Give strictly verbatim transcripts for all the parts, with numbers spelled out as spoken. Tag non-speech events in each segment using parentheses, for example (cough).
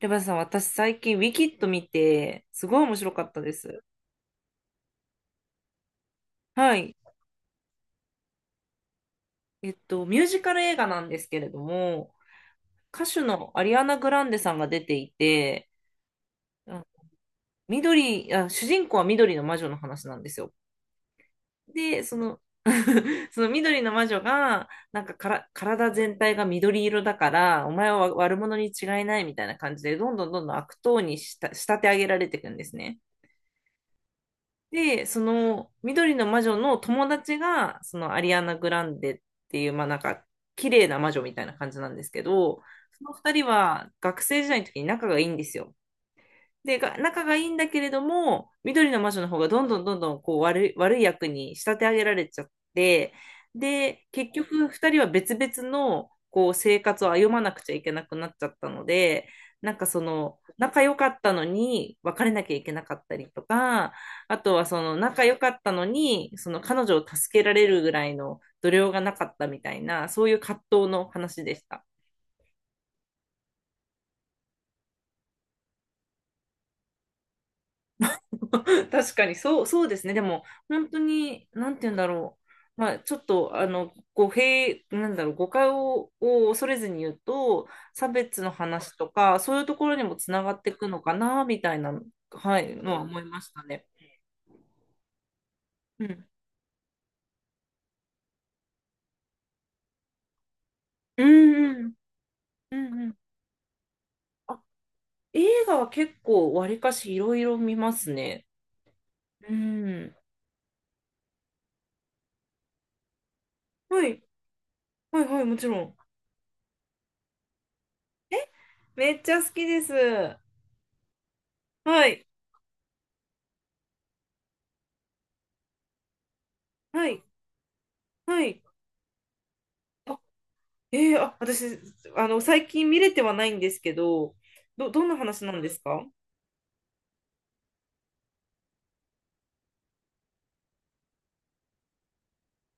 レバさん、私最近、ウィキッド見て、すごい面白かったです。はい。えっと、ミュージカル映画なんですけれども、歌手のアリアナ・グランデさんが出ていて、あ緑、あ、主人公は緑の魔女の話なんですよ。で、その、(laughs) その緑の魔女が、なんかから体全体が緑色だから、お前は悪者に違いないみたいな感じで、どんどんどんどん悪党にした仕立て上げられていくんですね。で、その緑の魔女の友達が、そのアリアナ・グランデっていう、まあなんか、綺麗な魔女みたいな感じなんですけど、その二人は学生時代の時に仲がいいんですよ。で、が仲がいいんだけれども、緑の魔女の方がどんどんどんどんこう悪い、悪い役に仕立て上げられちゃって、で、結局二人は別々のこう生活を歩まなくちゃいけなくなっちゃったので、なんかその仲良かったのに別れなきゃいけなかったりとか、あとはその仲良かったのにその彼女を助けられるぐらいの度量がなかったみたいな、そういう葛藤の話でした。(laughs) 確かに、そう、そうですね。でも、本当に、なんて言うんだろう。まあ、ちょっと、あの、語弊、なんだろう、誤解を、を恐れずに言うと、差別の話とか、そういうところにもつながっていくのかな、みたいな、はい、のは思いましたね。うん。うんうん。うんうん。あ、映画は結構、わりかしいろいろ見ますね。うん。はい。はいはい、もちろん。めっちゃ好きです。はい。はい。はい。えー、あ、私、あの、最近見れてはないんですけど、ど、どんな話なんですか？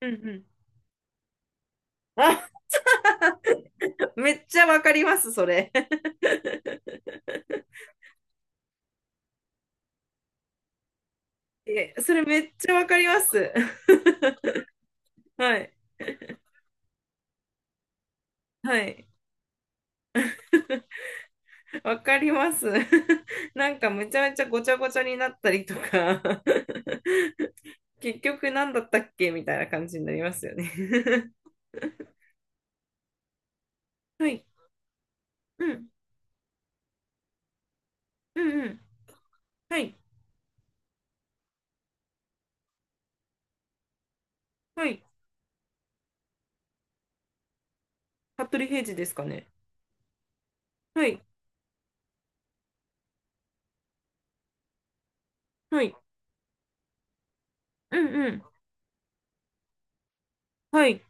うんうん。あ、(laughs) めっちゃわかります、それ。(laughs) え、それめっちゃわかります。(laughs) はい。はい。わかります。(laughs) なんかめちゃめちゃごちゃごちゃになったりとか (laughs) 結局何だったっけみたいな感じになりますよね。 (laughs) はい。うん。うんうん。はい。はい。服部平次ですかね。はい。はい。うんうん。はい。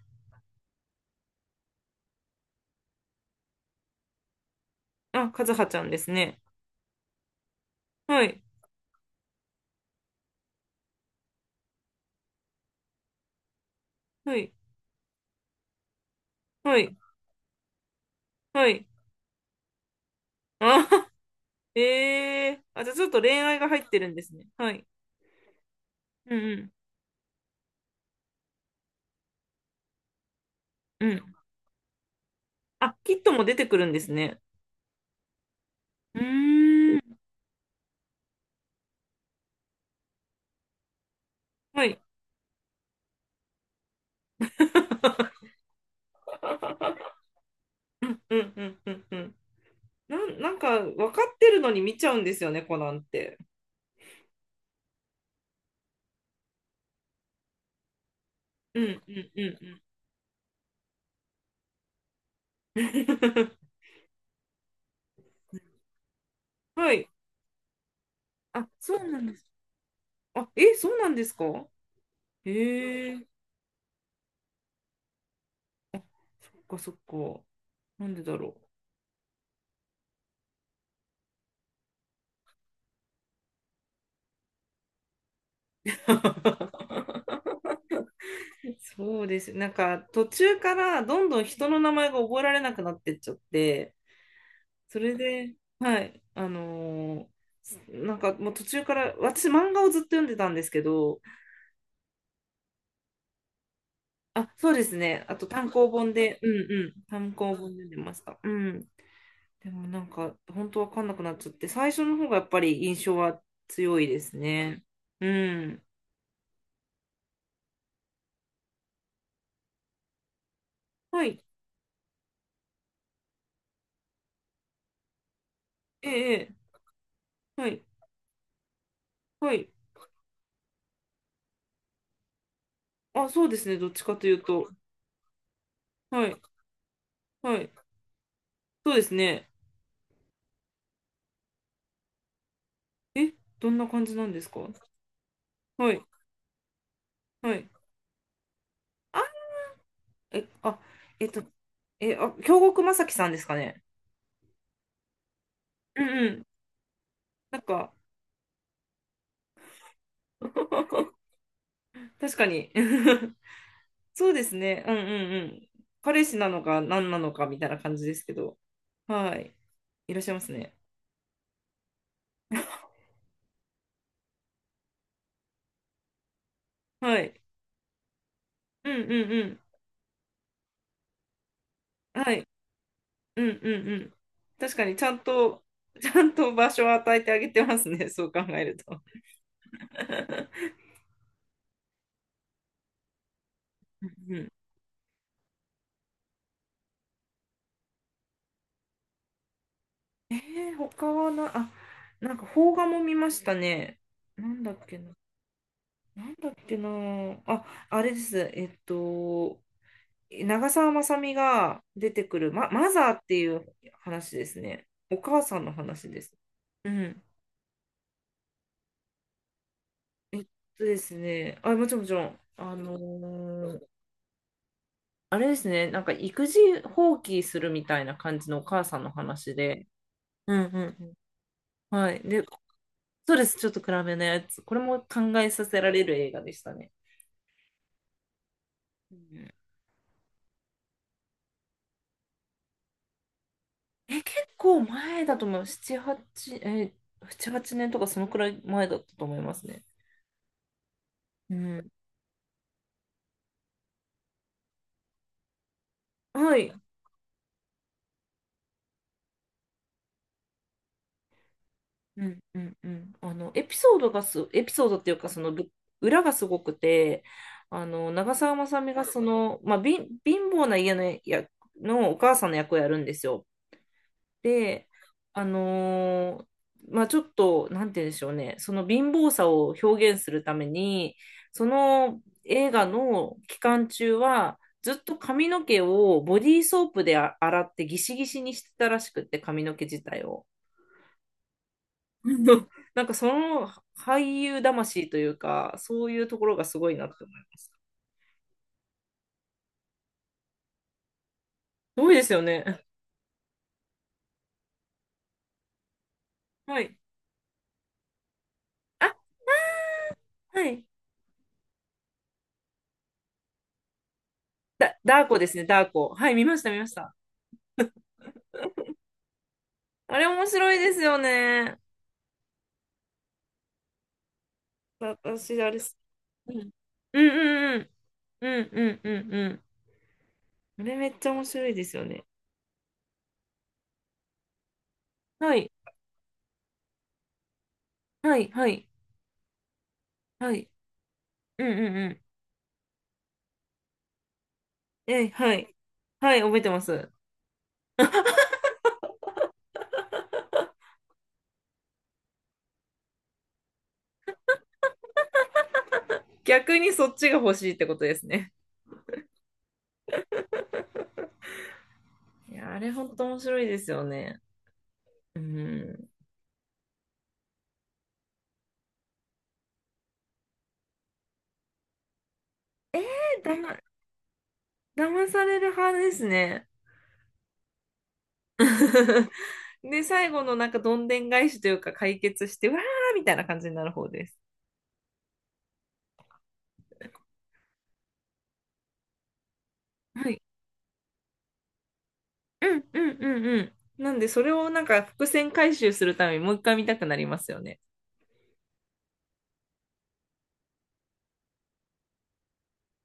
あ、和葉ちゃんですね。はい。はい。はい。はい。あ、(laughs) ええあ、じゃあちょっと恋愛が入ってるんですね。はい。うんうん。うん。あ、キットも出てくるんですね。うーん。はい。(laughs) うんうんうんうんうん。なん、なんか分かってるのに見ちゃうんですよね、コナンって。うんうんうんうん。(laughs) はい。あ、そうなんです。あ、え、そうなんですか？へえ、そっかそっか。なんでだろう。(laughs) そうです。なんか途中からどんどん人の名前が覚えられなくなってっちゃって、それで、はい、あのーなんかもう途中から、私漫画をずっと読んでたんですけど、あ、そうですね。あと単行本で、うんうん、単行本読んでました。うん。でもなんか本当わかんなくなっちゃって、最初の方がやっぱり印象は強いですね。うん。はい。ええ、ええはい。はい。あ、そうですね。どっちかというと。はい。はい。そうですね。え、どんな感じなんですか？はい、はい。あ、え、あ、えっと、え、あ、京極正樹さんですかね。うんうん。なんか、(laughs) 確かに。(laughs) そうですね。うんうんうん。彼氏なのか何なのかみたいな感じですけど。はい。いらっしゃいますね。はい。うんうんうん。はい。うんうんうん。確かにちゃんと、ちゃんと場所を与えてあげてますね。そう考えると。(laughs) うんうんえー、他はな、あ、なんか邦画も見ましたね。なんだっけな。なんだっけな。あ、あれです。えっと、長澤まさみが出てくる、ま、マザーっていう話ですね。お母さんの話です。うん。えっとですね。あ、もちろんもちろん。あのーあれですね。なんか育児放棄するみたいな感じのお母さんの話で。うんうんうん。はい。で、そうです。ちょっと暗めのやつ。これも考えさせられる映画でしたね。うんえ、結構前だと思う。なな、はち、え、なな、はちねんとかそのくらい前だったと思いますね。うんはい。うんうんうんあの、エピソードがす、エピソードっていうか、そのぶ裏がすごくて、あの、長澤まさみがその、まあ、貧貧乏な家のやのお母さんの役をやるんですよ。で、あのーまあ、ちょっと、なんて言うんでしょうね、その貧乏さを表現するために、その映画の期間中は、ずっと髪の毛をボディーソープであ洗ってギシギシにしてたらしくって、髪の毛自体を。(laughs) なんかその俳優魂というか、そういうところがすごいなと思います。すごいですよね。はい。あ、はい。だ、ダーコですね、ダーコ。はい、見ました、見ました。あれ面白いですよね。私、あれ、うん、うんうんうんうんうんうんうん。あれめっちゃ面白いですよね。はいはいはいはい。うんうんうん。え、はい。はい、覚えてます。逆にそっちが欲しいってことですね。いや、あれほんと面白いですよね。うん。えー、だま、騙される派ですね。(laughs) で、最後のなんかどんでん返しというか解決して、わーみたいな感じになる方です。はいうんうんうんうん。なんで、それをなんか伏線回収するためにもう一回見たくなりますよね。